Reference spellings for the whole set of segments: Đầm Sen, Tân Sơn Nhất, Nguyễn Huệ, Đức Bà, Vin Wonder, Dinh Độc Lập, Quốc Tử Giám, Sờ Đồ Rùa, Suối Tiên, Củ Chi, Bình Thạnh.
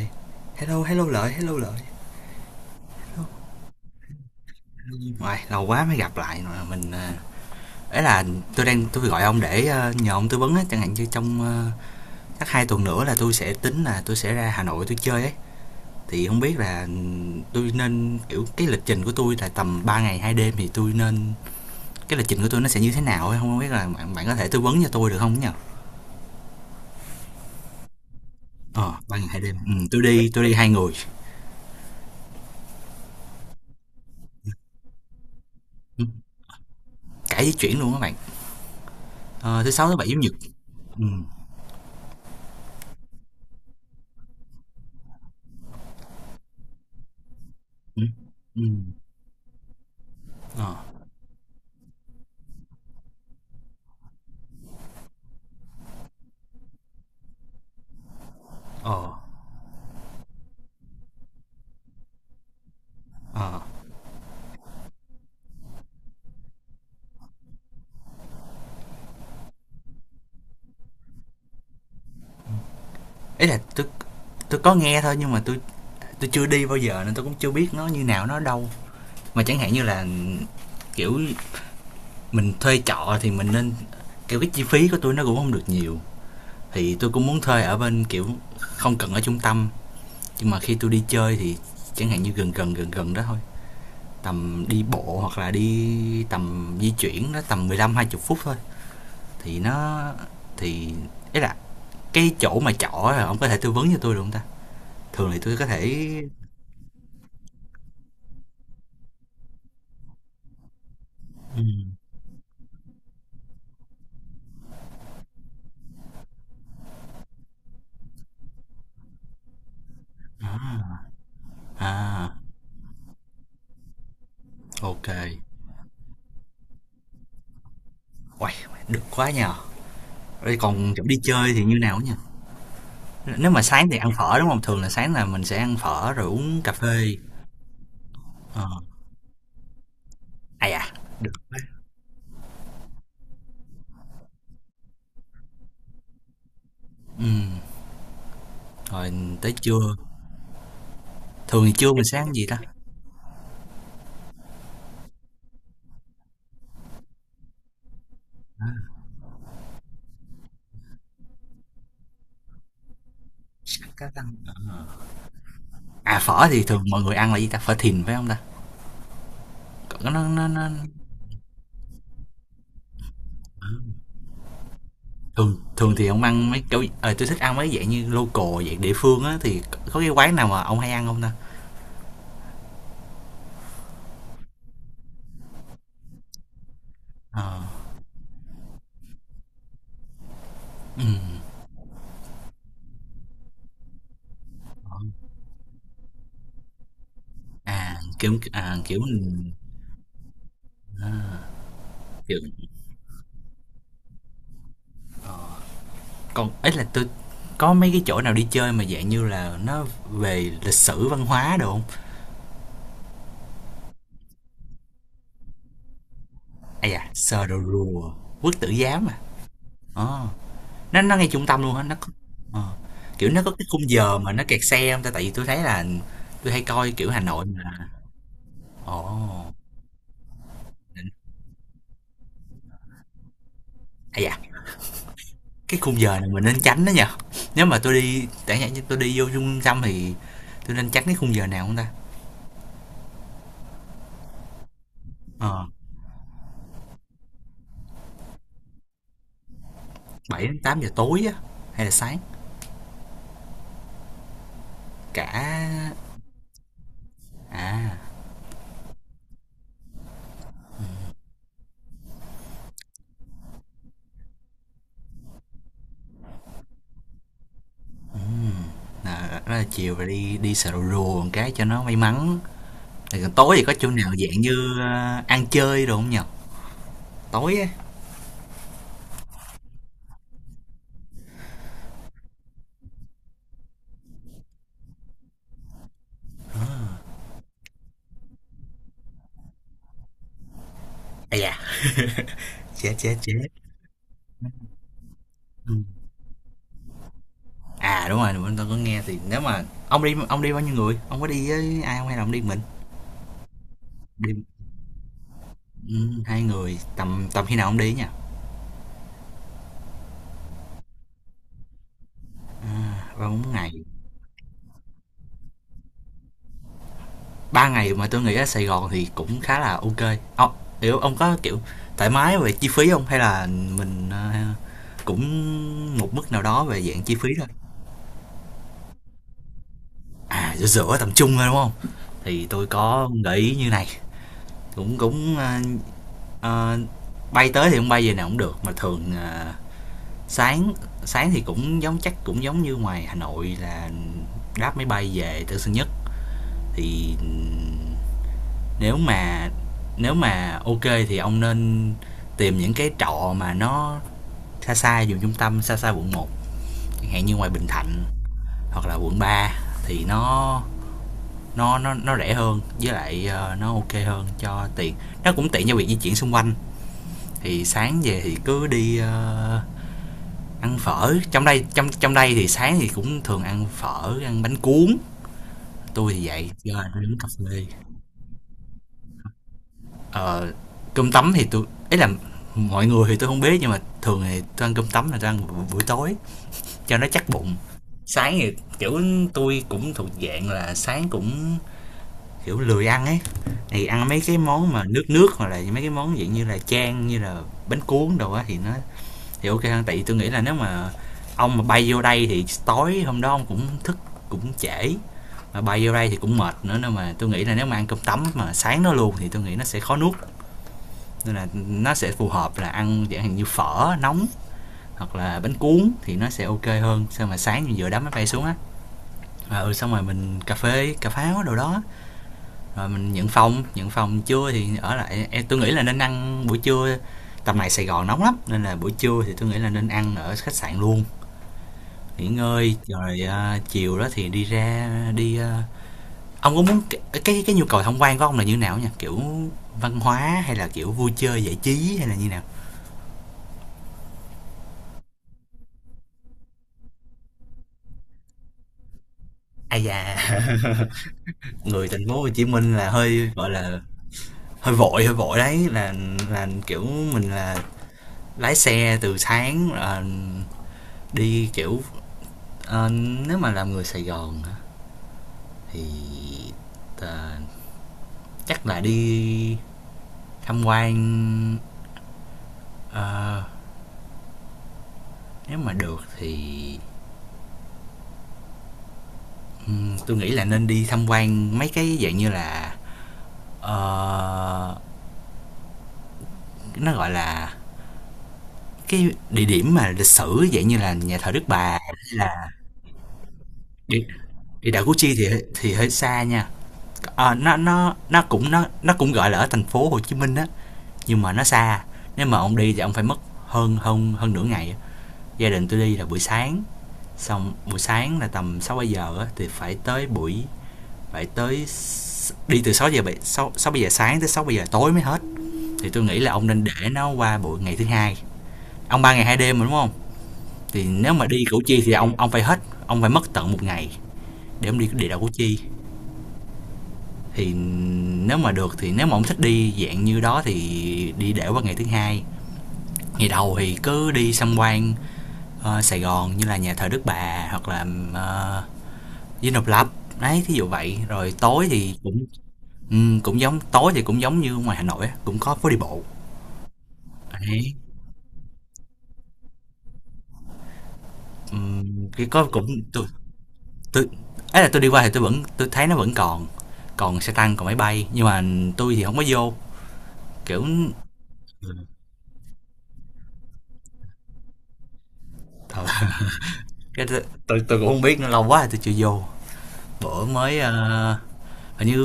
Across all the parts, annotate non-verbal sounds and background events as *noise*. Ê, hello hello lợi hello lợi hello. Hello. Ngoài lâu quá mới gặp lại mà mình à, ấy là tôi gọi ông để nhờ ông tư vấn á, chẳng hạn như trong chắc hai tuần nữa là tôi sẽ ra Hà Nội tôi chơi ấy, thì không biết là tôi nên kiểu cái lịch trình của tôi là tầm 3 ngày hai đêm thì tôi nên cái lịch trình của tôi nó sẽ như thế nào ấy, không biết là bạn bạn có thể tư vấn cho tôi được không nhỉ? Ờ, ba ngày hai đêm. Ừ, tôi đi hai người. Ừ, cả di chuyển luôn các bạn. Ờ, thứ sáu thứ bảy chủ nhật. Ừ. Ừ. Ừ. Ờ. Ờ. Ờ, ý là tôi có nghe thôi, nhưng mà tôi chưa đi bao giờ nên tôi cũng chưa biết nó như nào, nó ở đâu. Mà chẳng hạn như là, kiểu, mình thuê trọ thì mình nên kiểu, cái chi phí của tôi nó cũng không được nhiều, thì tôi cũng muốn thuê ở bên, kiểu, không cần ở trung tâm, nhưng mà khi tôi đi chơi thì chẳng hạn như gần gần, gần gần đó thôi, tầm đi bộ hoặc là đi tầm di chuyển nó tầm mười lăm hai 20 phút thôi, thì nó thì ý là cái chỗ mà trọ là ổng có thể tư vấn cho tôi được hông ta? Thường thì tôi có thể ừm, à, à, ô. Uầy, được quá nhỉ! Vậy còn chỗ đi chơi thì như nào á nhỉ? Nếu mà sáng thì ăn phở, đúng không? Thường là sáng là mình sẽ ăn phở rồi uống cà phê. Ờ, à da, được quá. Ừm, rồi tới trưa, thường thì trưa mình sẽ ăn gì ta? À, phở thì thường mọi người ăn là gì ta? Phở thìn phải không ta? Còn nó ờ, thường thường thì ông ăn mấy kiểu tui thích ăn mấy dạng như local, dạng địa phương á, thì có cái quán nào mà ông hay ăn không ta? Ờ, ừm, ờ. À, kiểu kiểu. ờ, Còn ấy là tôi có mấy cái chỗ nào đi chơi mà dạng như là nó về lịch sử văn hóa đồ không? À, da, Sờ Đồ Rùa, Quốc Tử Giám à. Ờ, nó ngay trung tâm luôn á, nó có ờ, kiểu nó có cái khung giờ mà nó kẹt xe không ta, tại vì tôi thấy là tôi hay coi kiểu Hà Nội mà. Ồ. Ây da, cái khung giờ này mình nên tránh đó nha. Nếu mà tôi đi, chẳng hạn như tôi đi vô trung tâm thì tôi nên tránh cái khung giờ nào không ta? Ờ, 7 đến 8 giờ tối á hay là sáng? Cả à, ừm, là rất là chiều rồi đi đi sờ rù rù một cái cho nó may mắn. Rồi còn tối thì có chỗ nào dạng như, a, ăn chơi đồ không nhỉ? Tối á, à da, chết, chết, chết. Ừm. À, đúng rồi, mình tao có nghe thì nếu mà ông đi bao nhiêu người? Ông có đi với ai không hay là ông đi mình? Đi 2 người, tầm tầm khi nào ông đi á nhỉ? À, 3-4 ngày. Ba ngày mà tôi nghĩ ở Sài Gòn thì cũng khá là ok ông, kiểu ông có kiểu thoải mái về chi phí không, hay là mình cũng một mức nào đó về dạng chi phí thôi. À giữa giữa tầm trung thôi đúng không, thì tôi có gợi ý như này, cũng cũng ờ, bay tới thì không bay về nào cũng được mà thường sáng sáng thì cũng giống, chắc cũng giống như ngoài Hà Nội là đáp máy bay về Tân Sơn Nhất thì Nếu mà nếu mà ok thì ông nên tìm những cái trọ mà nó xa xa vùng trung tâm, xa xa quận một, chẳng hạn như ngoài Bình Thạnh hoặc là quận ba, thì nó rẻ hơn, với lại nó ok hơn cho tiện. Nó cũng tiện cho việc di chuyển xung quanh. Thì sáng về thì cứ đi ăn phở. Trong đây thì sáng thì cũng thường ăn phở, ăn bánh cuốn. Tôi thì vậy, do là uống cà phê. ờ, Cơm tấm thì tôi ấy là mọi người thì tôi không biết, nhưng mà thường thì tôi ăn cơm tấm là tôi ăn buổi tối cho nó chắc bụng. Sáng thì kiểu tôi cũng thuộc dạng là sáng cũng kiểu lười ăn ấy, thì ăn mấy cái món mà nước nước, hoặc là mấy cái món dạng như là chan, như là bánh cuốn đồ á, thì nó thì ok hơn, tại vì tôi nghĩ là nếu mà ông mà bay vô đây thì tối hôm đó ông cũng thức cũng trễ, mà bay vô đây thì cũng mệt nữa, nên mà tôi nghĩ là nếu mà ăn cơm tấm mà sáng nó luôn thì tôi nghĩ nó sẽ khó nuốt, nên là nó sẽ phù hợp là ăn dạng hình như phở nóng hoặc là bánh cuốn thì nó sẽ ok hơn, sao mà sáng mình vừa đá máy bay xuống á. Và ừ xong rồi mình cà phê cà pháo đồ đó, rồi mình nhận phòng, trưa thì ở lại, em tôi nghĩ là nên ăn buổi trưa, tầm này Sài Gòn nóng lắm, nên là buổi trưa thì tôi nghĩ là nên ăn ở khách sạn luôn, nghỉ ngơi rồi à, chiều đó thì đi ra đi à, ông có muốn cái nhu cầu tham quan của ông là như nào nha, kiểu văn hóa hay là kiểu vui chơi giải trí hay là như nào? Ai da *laughs* người thành phố Hồ Chí Minh là hơi gọi là hơi vội đấy, là kiểu mình là lái xe từ sáng là đi kiểu ờ, nếu mà làm người Sài Gòn thì ờ, chắc là đi tham quan ờ, nếu mà được thì tôi nghĩ là nên đi tham quan mấy cái dạng như là ờ, nó gọi là cái địa điểm mà lịch sử, dạng như là nhà thờ Đức Bà hay là địa, đi đảo Củ Chi thì hơi xa nha. Ờ, nó cũng gọi là ở thành phố Hồ Chí Minh á, nhưng mà nó xa, nếu mà ông đi thì ông phải mất hơn hơn hơn nửa ngày. Gia đình tôi đi là buổi sáng, xong buổi sáng là tầm 6 7 giờ á, thì phải tới buổi phải tới đi từ 6 giờ 7 6 6 giờ sáng tới 6 7 giờ tối mới hết, thì tôi nghĩ là ông nên để nó qua buổi ngày thứ hai. Ông ba ngày hai đêm mà đúng không, thì nếu mà đi Củ Chi thì ông phải hết, ông phải mất tận một ngày để ông đi địa đạo Củ Chi. Thì nếu mà được thì nếu mà ông thích đi dạng như đó thì đi để qua ngày thứ hai, ngày đầu thì cứ đi xăm quan Sài Gòn như là nhà thờ Đức Bà hoặc là ờ, Dinh Độc Lập, đấy thí dụ vậy, rồi tối thì cũng ừ, cũng giống tối thì cũng giống như ngoài Hà Nội á, cũng có phố đi bộ. Đấy ừm, cái có cũng tôi tôi ấy là tôi đi qua thì tôi thấy nó vẫn còn, còn xe tăng còn máy bay, nhưng mà tôi thì không có vô kiểu ừ, ờ, cái tôi cũng không biết, nó lâu quá rồi tôi chưa vô, bữa mới hình như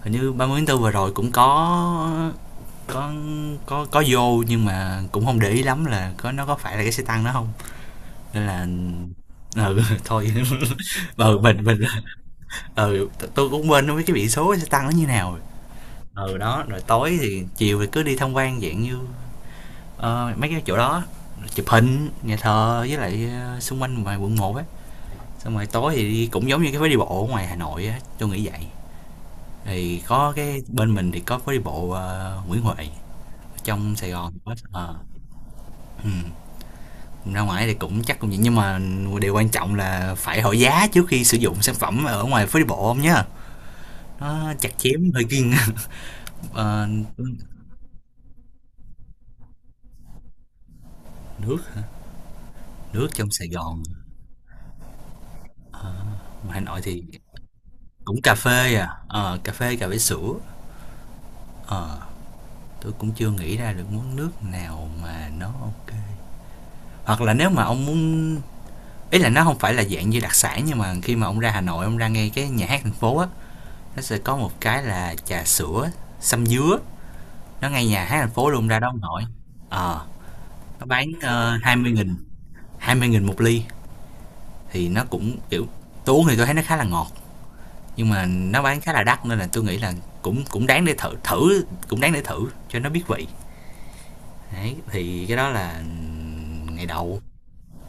30 tháng 4 vừa rồi cũng có có vô nhưng mà cũng không để ý lắm là có nó có phải là cái xe tăng đó không, nên là ừ *laughs* thôi *laughs* ừ mình ừ tôi cũng quên, không biết cái biển số cái xe tăng nó như nào rồi. Ừ đó rồi tối thì chiều thì cứ đi tham quan dạng như ờ, mấy cái chỗ đó, chụp hình nhà thờ với lại xung quanh ngoài quận một á, xong rồi tối thì đi cũng giống như cái phố đi bộ ở ngoài Hà Nội á, tôi nghĩ vậy. Thì có cái bên mình thì có phố đi bộ Nguyễn Huệ, trong Sài Gòn thì có ờ, ừ. Ra ngoài thì cũng chắc cũng vậy, nhưng mà điều quan trọng là phải hỏi giá trước khi sử dụng sản phẩm ở ngoài phố đi bộ không nhá, nó chặt chém hơi kiêng *laughs* Ờ, nước, nước trong Sài Gòn Hà Nội thì cũng cà phê à. Ờ, cà phê, cà phê sữa. Ờ, tôi cũng chưa nghĩ ra được món nước nào mà nó ok, hoặc là nếu mà ông muốn ý là nó không phải là dạng như đặc sản, nhưng mà khi mà ông ra Hà Nội, ông ra ngay cái nhà hát thành phố á, nó sẽ có một cái là trà sữa sâm dứa, nó ngay nhà hát thành phố luôn, ra đó ông nội. Ờ nó bán 20 nghìn, 20 nghìn một ly, thì nó cũng kiểu tôi uống thì tôi thấy nó khá là ngọt, nhưng mà nó bán khá là đắt, nên là tôi nghĩ là cũng cũng đáng để thử, thử cũng đáng để thử cho nó biết vị. Đấy thì cái đó là ngày đầu.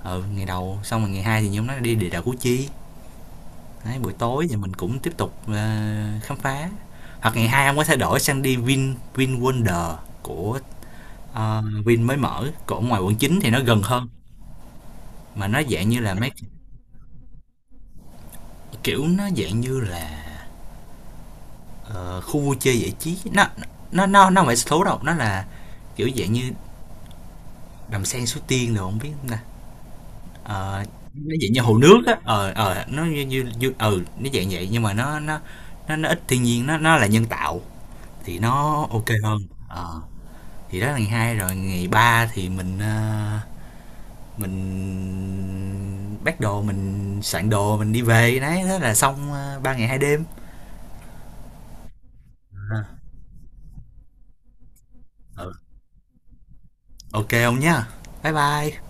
Ừ ngày đầu xong rồi ngày hai thì nhóm nó đi địa đạo Củ Chi. Đấy, buổi tối thì mình cũng tiếp tục khám phá, hoặc ngày hai ông có thể đổi sang đi Vin Vin Wonder của Vin mới mở của ngoài quận 9 thì nó gần hơn, mà nó dạng như là mấy kiểu nó dạng như là ờ, khu vui chơi giải trí, nó không phải số đâu, nó là kiểu dạng như đầm sen Suối Tiên rồi không biết nè. Ờ, nó dạng như hồ nước á, ờ ờ nó như như ừ nó dạng vậy, nhưng mà nó ít thiên nhiên, nó là nhân tạo, thì nó ok hơn. Ờ thì đó là ngày hai, rồi ngày ba thì mình mình bắt đồ, mình soạn đồ, mình đi về, đấy thế là xong ờ, ba ngày hai đêm. Ừ. Ok không nhá, bye bye.